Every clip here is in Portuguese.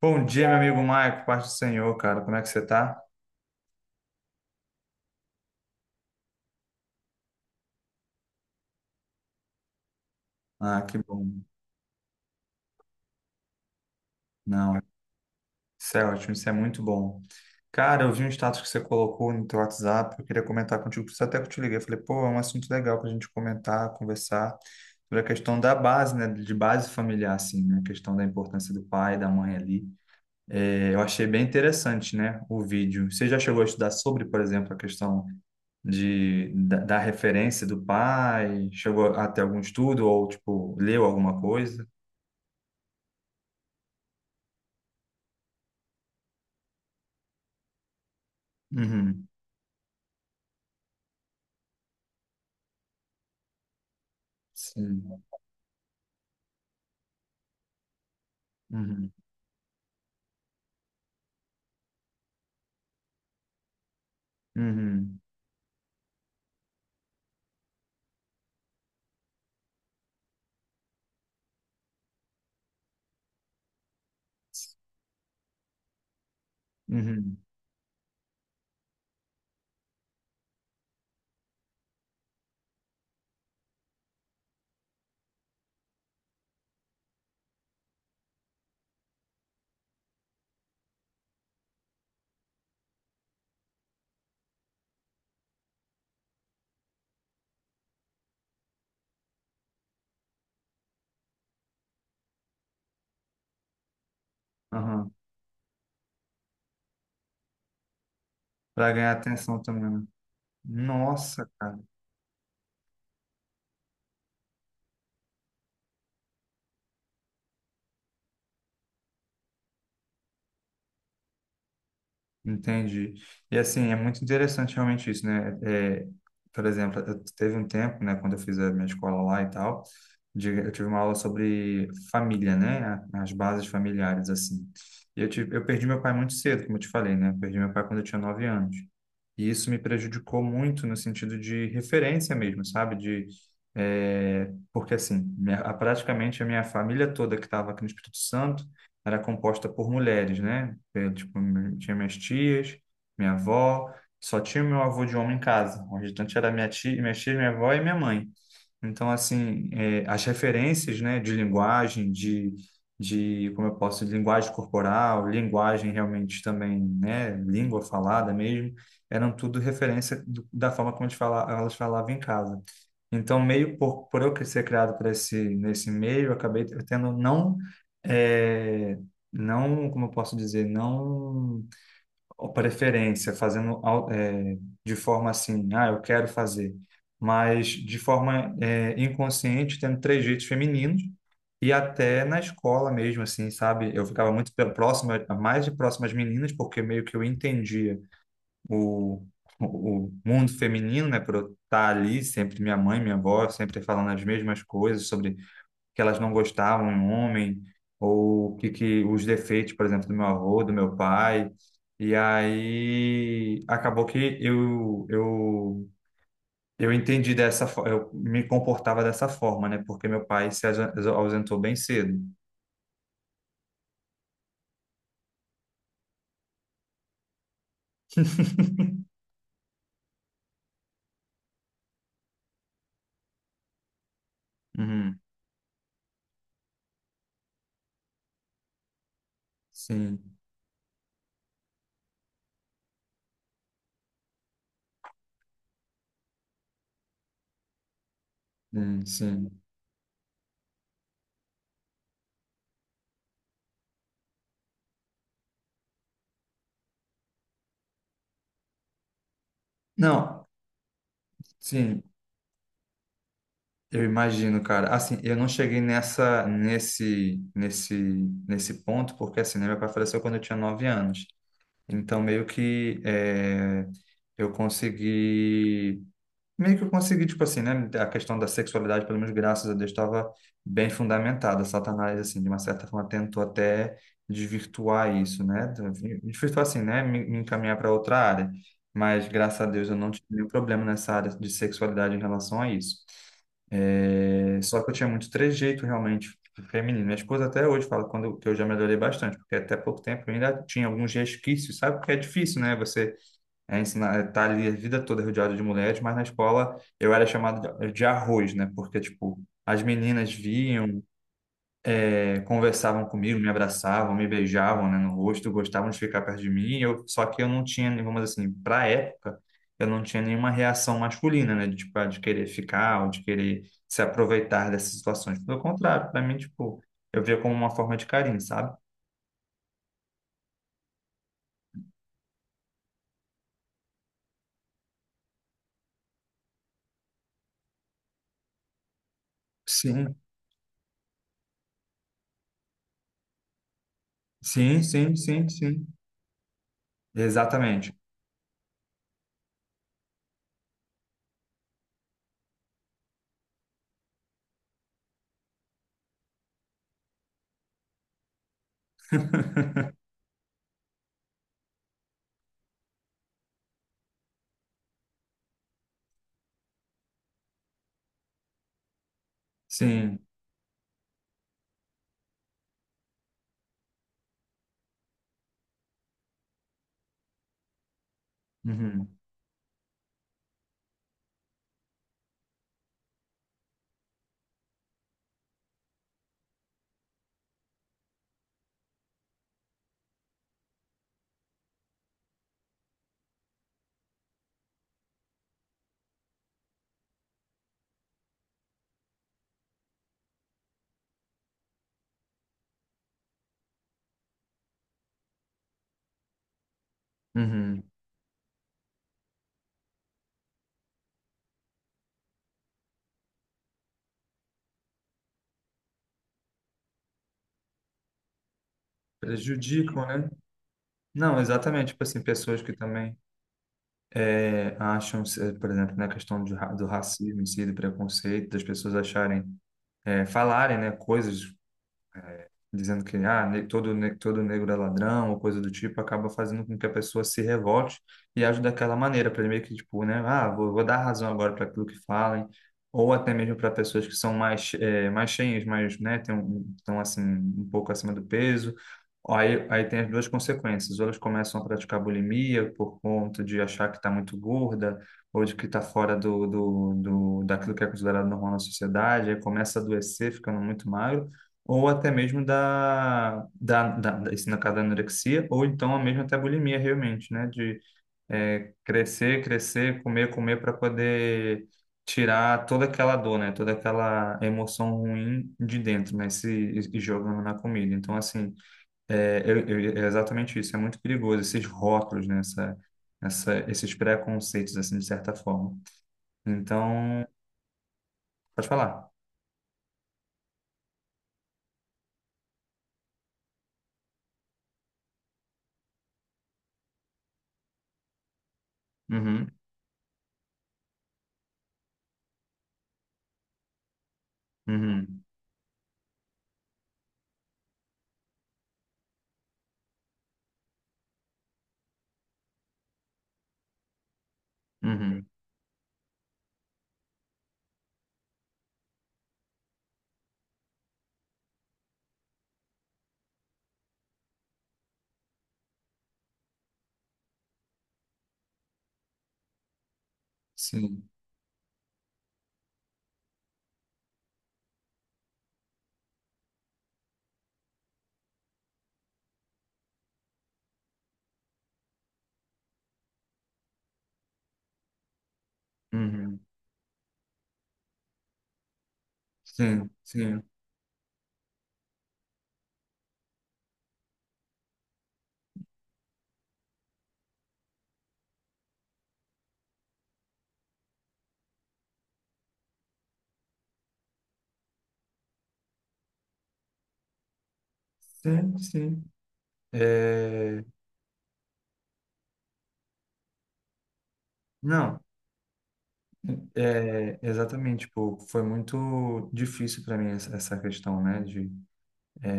Bom dia, meu amigo Maico, paz do Senhor, cara. Como é que você tá? Ah, que bom. Não, isso é ótimo, isso é muito bom. Cara, eu vi um status que você colocou no teu WhatsApp, eu queria comentar contigo, por isso até que eu te liguei. Eu falei, pô, é um assunto legal pra gente comentar, conversar sobre a questão da base, né, de base familiar, assim, né, a questão da importância do pai, da mãe ali. É, eu achei bem interessante, né, o vídeo. Você já chegou a estudar sobre, por exemplo, a questão da referência do pai? Chegou a ter algum estudo ou, tipo, leu alguma coisa? Uhum, sim. Uhum, uhum, uhum, uhum. Aham. Pra ganhar atenção também, né? Nossa. Entendi. E assim, é muito interessante realmente isso, né? É, por exemplo, teve um tempo, né, quando eu fiz a minha escola lá e tal, eu tive uma aula sobre família, né? As bases familiares, assim. E eu perdi meu pai muito cedo, como eu te falei, né? Eu perdi meu pai quando eu tinha 9 anos. E isso me prejudicou muito no sentido de referência mesmo, sabe? De, é, porque assim, praticamente a minha família toda que estava aqui no Espírito Santo era composta por mulheres, né? Tipo, tinha minhas tias, minha avó, só tinha meu avô de homem em casa. O restante era minha tia, minha tia, minha avó e minha mãe. Então, assim, as referências, né, de linguagem, como eu posso, de linguagem corporal, linguagem realmente também, né, língua falada mesmo, eram tudo referência da forma como a gente fala, elas falavam em casa. Então, meio por eu ser criado nesse meio, eu acabei tendo não, eh, não, como eu posso dizer, não ó, preferência, de forma assim, ah, eu quero fazer, mas de forma inconsciente, tendo trejeitos femininos e até na escola mesmo, assim, sabe? Eu ficava muito próximo, mais de próximo às meninas, porque meio que eu entendia o, o mundo feminino, né, por eu estar ali, sempre minha mãe, minha avó, sempre falando as mesmas coisas sobre que elas não gostavam em homem, ou o que, que os defeitos, por exemplo, do meu avô, do meu pai. E aí acabou que eu entendi dessa forma, eu me comportava dessa forma, né, porque meu pai se ausentou bem cedo. Uhum. Sim, sim, sim. Não, sim. Eu imagino, cara. Assim, eu não cheguei nesse ponto, porque assim, né, meu pai faleceu quando eu tinha 9 anos. Então, meio que eu consegui meio que eu consegui, tipo assim, né? A questão da sexualidade, pelo menos graças a Deus, estava bem fundamentada. Satanás, assim, de uma certa forma, tentou até desvirtuar isso, né? Desvirtuar assim, né? Me encaminhar para outra área. Mas graças a Deus eu não tive nenhum problema nessa área de sexualidade em relação a isso. É, só que eu tinha muito trejeito realmente feminino. Minha esposa até hoje fala que eu já melhorei bastante, porque até pouco tempo eu ainda tinha alguns resquícios, sabe? Porque é difícil, né? Você é ensinar, tá ali a vida toda rodeado de mulheres, mas na escola eu era chamado de arroz, né? Porque, tipo, as meninas vinham, conversavam comigo, me abraçavam, me beijavam, né, no rosto, gostavam de ficar perto de mim. Só que eu não tinha, vamos dizer assim, pra época, eu não tinha nenhuma reação masculina, né? De, tipo, ah, de querer ficar ou de querer se aproveitar dessas situações. Pelo contrário, pra mim, tipo, eu via como uma forma de carinho, sabe? Sim, sim, sim, sim, sim. Exatamente. Sim. Uhum. Uhum. Prejudicam, né? Não, exatamente. Tipo assim, pessoas que também acham, por exemplo, na questão de do racismo em si, do preconceito, das pessoas acharem, falarem, né, coisas dizendo que ah, todo negro é ladrão ou coisa do tipo, acaba fazendo com que a pessoa se revolte e age daquela maneira, para meio que, tipo, né, ah, vou dar razão agora para aquilo que falem, ou até mesmo para pessoas que são mais, mais cheias, mais, né, tem estão assim, um pouco acima do peso. Aí tem as duas consequências, ou elas começam a praticar bulimia por conta de achar que está muito gorda, ou de que está fora daquilo que é considerado normal na sociedade, aí começa a adoecer, ficando muito magro, ou até mesmo da isso na caso da anorexia, ou então a mesma até bulimia realmente, né? De crescer, crescer, comer, comer para poder tirar toda aquela dor, né? Toda aquela emoção ruim de dentro, né? Se, e jogando na comida. Então, assim, é exatamente isso. É muito perigoso esses rótulos, né? Esses preconceitos, assim, de certa forma. Então, pode falar. Uhum, uhum, uhum. Sim. Uhum. Sim, sim, sim, sim. É, não, exatamente, tipo, foi muito difícil para mim essa questão, né, de, é,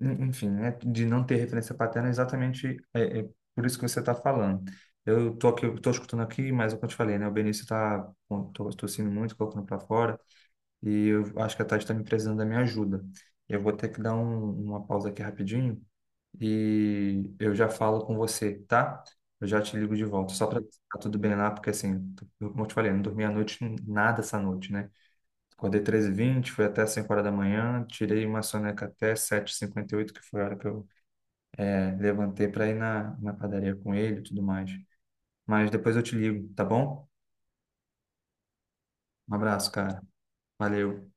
enfim, né, de não ter referência paterna, exatamente é por isso que você está falando. Eu tô aqui, eu tô escutando aqui, mas é o que eu te falei, né, o Benício tô, tossindo muito, colocando para fora, e eu acho que a Tati está me precisando da minha ajuda. Eu vou ter que dar uma pausa aqui rapidinho e eu já falo com você, tá? Eu já te ligo de volta, só para tá tudo bem lá, porque assim, como eu te falei, não dormi a noite nada essa noite, né? Acordei 13 e vinte, fui até 5 horas da manhã, tirei uma soneca até 7:58, que foi a hora que eu levantei para ir na padaria com ele e tudo mais. Mas depois eu te ligo, tá bom? Um abraço, cara. Valeu.